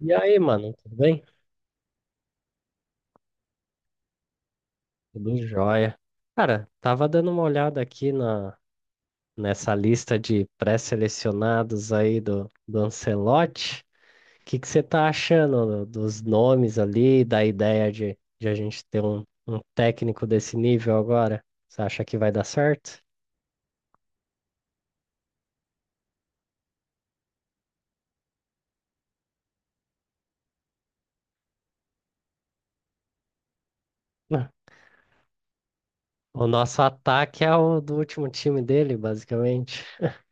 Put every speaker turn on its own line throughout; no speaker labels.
E aí, mano, tudo bem? Tudo jóia. Cara, tava dando uma olhada aqui nessa lista de pré-selecionados aí do Ancelotti. O que que você tá achando dos nomes ali, da ideia de a gente ter um técnico desse nível agora? Você acha que vai dar certo? Ah. O nosso ataque é o do último time dele, basicamente.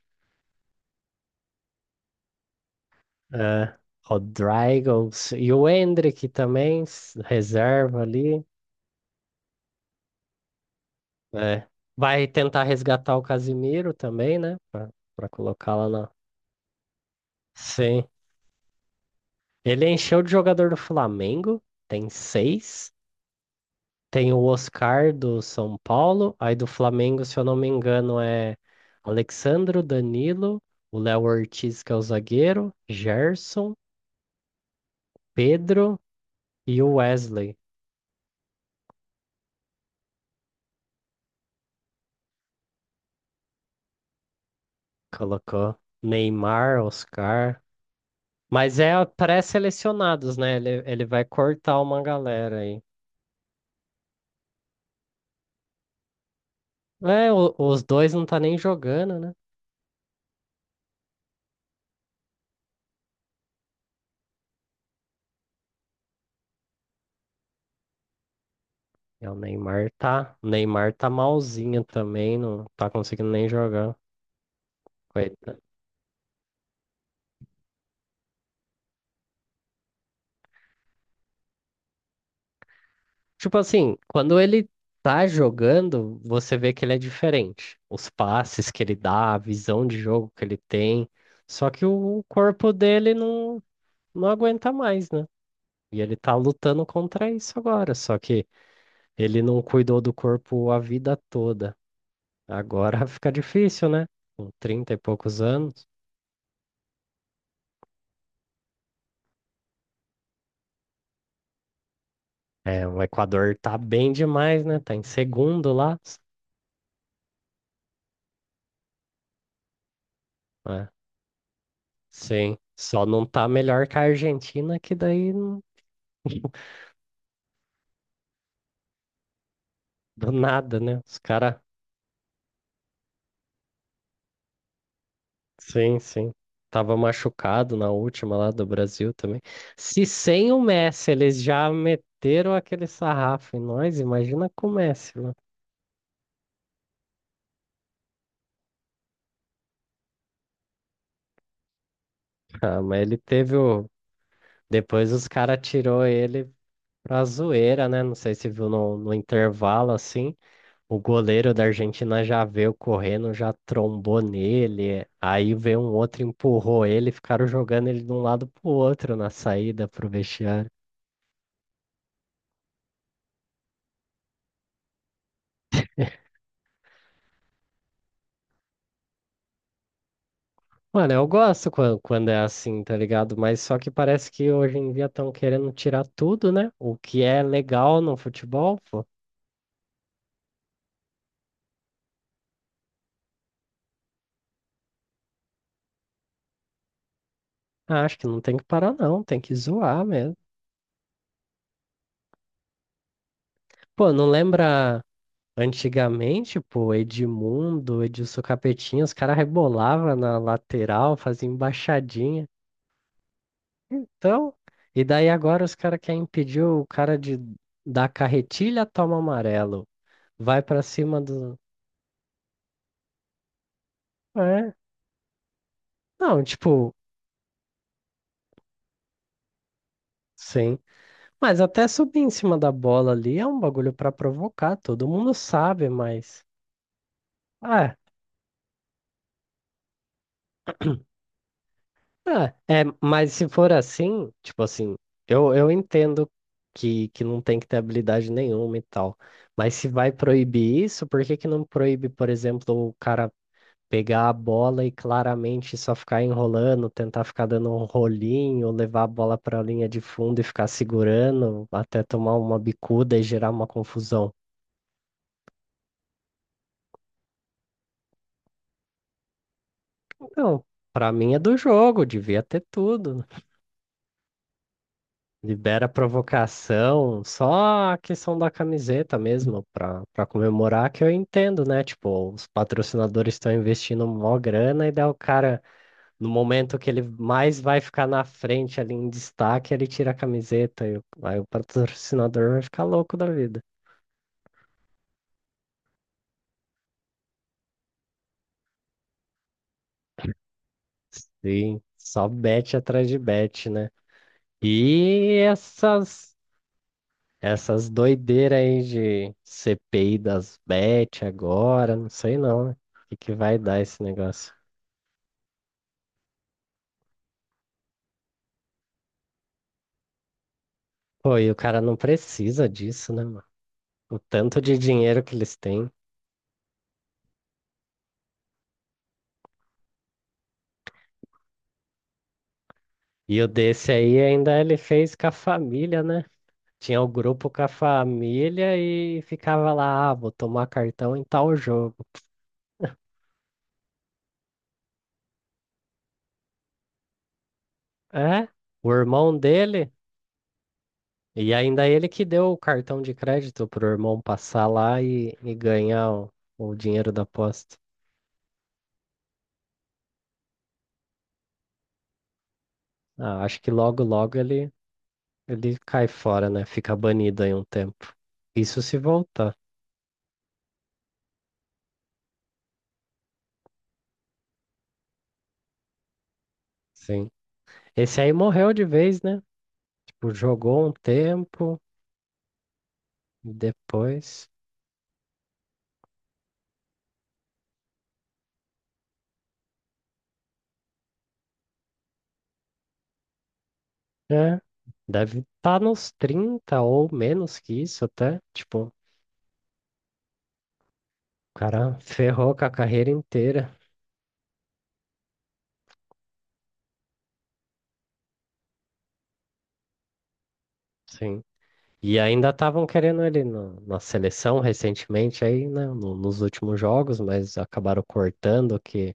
É, Rodrygo e o Endrick também, reserva ali. É. Vai tentar resgatar o Casimiro também, né? Pra colocar lá na. Sim. Ele encheu de jogador do Flamengo, tem seis. Tem o Oscar do São Paulo. Aí do Flamengo, se eu não me engano, é Alexandro, Danilo, o Léo Ortiz, que é o zagueiro, Gerson, Pedro e o Wesley. Colocou Neymar, Oscar. Mas é pré-selecionados, né? Ele vai cortar uma galera aí. É, os dois não tá nem jogando, né? É, o Neymar tá. O Neymar tá malzinho também, não tá conseguindo nem jogar. Coitado. Tipo assim, quando ele tá jogando, você vê que ele é diferente. Os passes que ele dá, a visão de jogo que ele tem. Só que o corpo dele não aguenta mais, né? E ele tá lutando contra isso agora. Só que ele não cuidou do corpo a vida toda. Agora fica difícil, né? Com 30 e poucos anos. É, o Equador tá bem demais, né? Tá em segundo lá. É, sim, só não tá melhor que a Argentina, que daí não, do nada, né? Os caras, sim, sim. Tava machucado na última lá do Brasil também. Se sem o Messi eles já meteram aquele sarrafo em nós, imagina com o Messi, né? Ah, mas ele teve o. Depois os caras tirou ele pra zoeira, né? Não sei se viu no intervalo assim. O goleiro da Argentina já veio correndo, já trombou nele. Aí veio um outro, empurrou ele, ficaram jogando ele de um lado pro outro na saída pro vestiário. Mano, eu gosto quando, é assim, tá ligado? Mas só que parece que hoje em dia estão querendo tirar tudo, né? O que é legal no futebol, pô. Ah, acho que não tem que parar, não. Tem que zoar mesmo. Pô, não lembra antigamente, pô, Edmundo, Edilson Capetinha, os caras rebolavam na lateral, faziam embaixadinha. Então, e daí agora os caras querem impedir o cara de dar carretilha, toma amarelo. Vai pra cima do. É. Não, tipo, sim. Mas até subir em cima da bola ali é um bagulho pra provocar, todo mundo sabe, mas. É, mas se for assim, tipo assim, eu entendo que não tem que ter habilidade nenhuma e tal. Mas se vai proibir isso, por que que não proíbe, por exemplo, o cara pegar a bola e claramente só ficar enrolando, tentar ficar dando um rolinho, levar a bola para a linha de fundo e ficar segurando até tomar uma bicuda e gerar uma confusão. Não, para mim é do jogo, devia ter tudo. Libera a provocação, só a questão da camiseta mesmo, para comemorar que eu entendo, né? Tipo, os patrocinadores estão investindo mó grana e daí o cara. No momento que ele mais vai ficar na frente ali em destaque, ele tira a camiseta e o, aí o patrocinador vai ficar louco da vida. Sim, só bet atrás de bet, né? E essas doideiras aí de CPI das bet agora, não sei não, né? O que que vai dar esse negócio? Pô, e o cara não precisa disso, né, mano? O tanto de dinheiro que eles têm. E o desse aí ainda ele fez com a família, né? Tinha o grupo com a família e ficava lá, ah, vou tomar cartão em tal jogo. É, o irmão dele, e ainda ele que deu o cartão de crédito pro irmão passar lá e ganhar o dinheiro da aposta. Ah, acho que logo, logo ele, cai fora, né? Fica banido aí um tempo. Isso se voltar, sim. Esse aí morreu de vez, né? Tipo, jogou um tempo, e depois. É, deve estar nos 30 ou menos que isso até. Tipo, o cara ferrou com a carreira inteira. Sim. E ainda estavam querendo ele no, na seleção recentemente aí, né? Nos últimos jogos, mas acabaram cortando que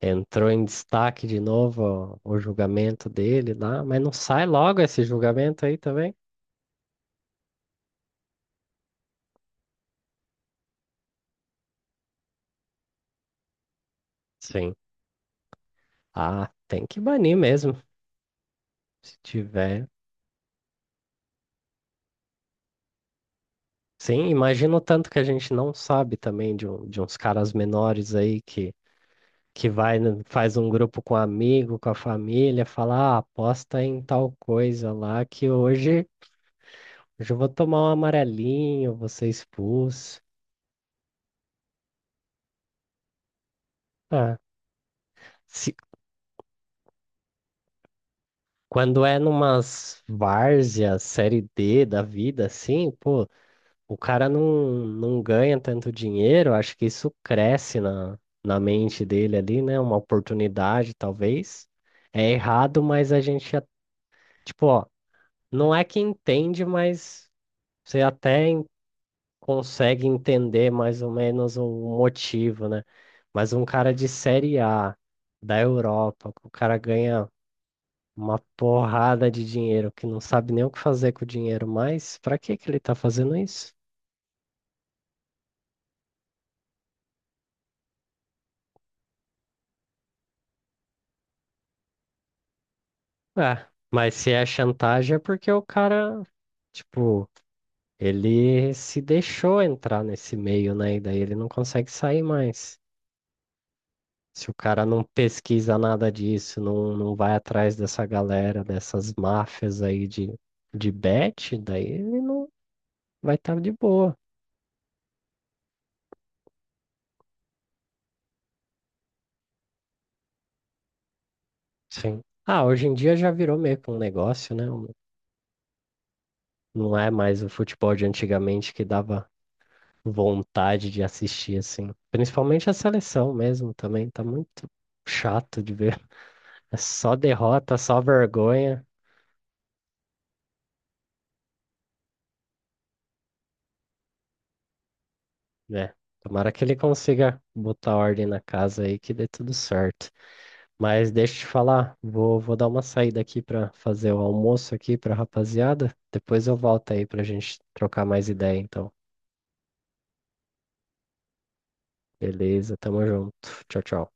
entrou em destaque de novo o julgamento dele lá, mas não sai logo esse julgamento aí também? Sim. Ah, tem que banir mesmo. Se tiver. Sim, imagino tanto que a gente não sabe também de uns caras menores aí que vai, faz um grupo com amigo, com a família, fala, ah, aposta em tal coisa lá que hoje eu vou tomar um amarelinho, vou ser expulso. Ah, se, quando é numas várzeas, série D da vida, assim, pô, o cara não ganha tanto dinheiro, acho que isso cresce na, na mente dele ali, né? Uma oportunidade, talvez. É errado, mas a gente, tipo, ó, não é que entende, mas você até consegue entender mais ou menos o motivo, né? Mas um cara de Série A da Europa, que o cara ganha uma porrada de dinheiro, que não sabe nem o que fazer com o dinheiro mais, pra que que ele tá fazendo isso? É, mas se é chantagem é porque o cara, tipo, ele se deixou entrar nesse meio, né? E daí ele não consegue sair mais. Se o cara não pesquisa nada disso, não, não vai atrás dessa galera, dessas máfias aí de bet, daí ele não vai estar de boa. Sim. Ah, hoje em dia já virou meio que um negócio, né? Não é mais o futebol de antigamente que dava vontade de assistir, assim. Principalmente a seleção mesmo também, tá muito chato de ver. É só derrota, só vergonha, né? Tomara que ele consiga botar ordem na casa aí que dê tudo certo. Mas deixa eu te falar, vou dar uma saída aqui pra fazer o almoço aqui pra rapaziada. Depois eu volto aí pra gente trocar mais ideia, então. Beleza, tamo junto. Tchau, tchau.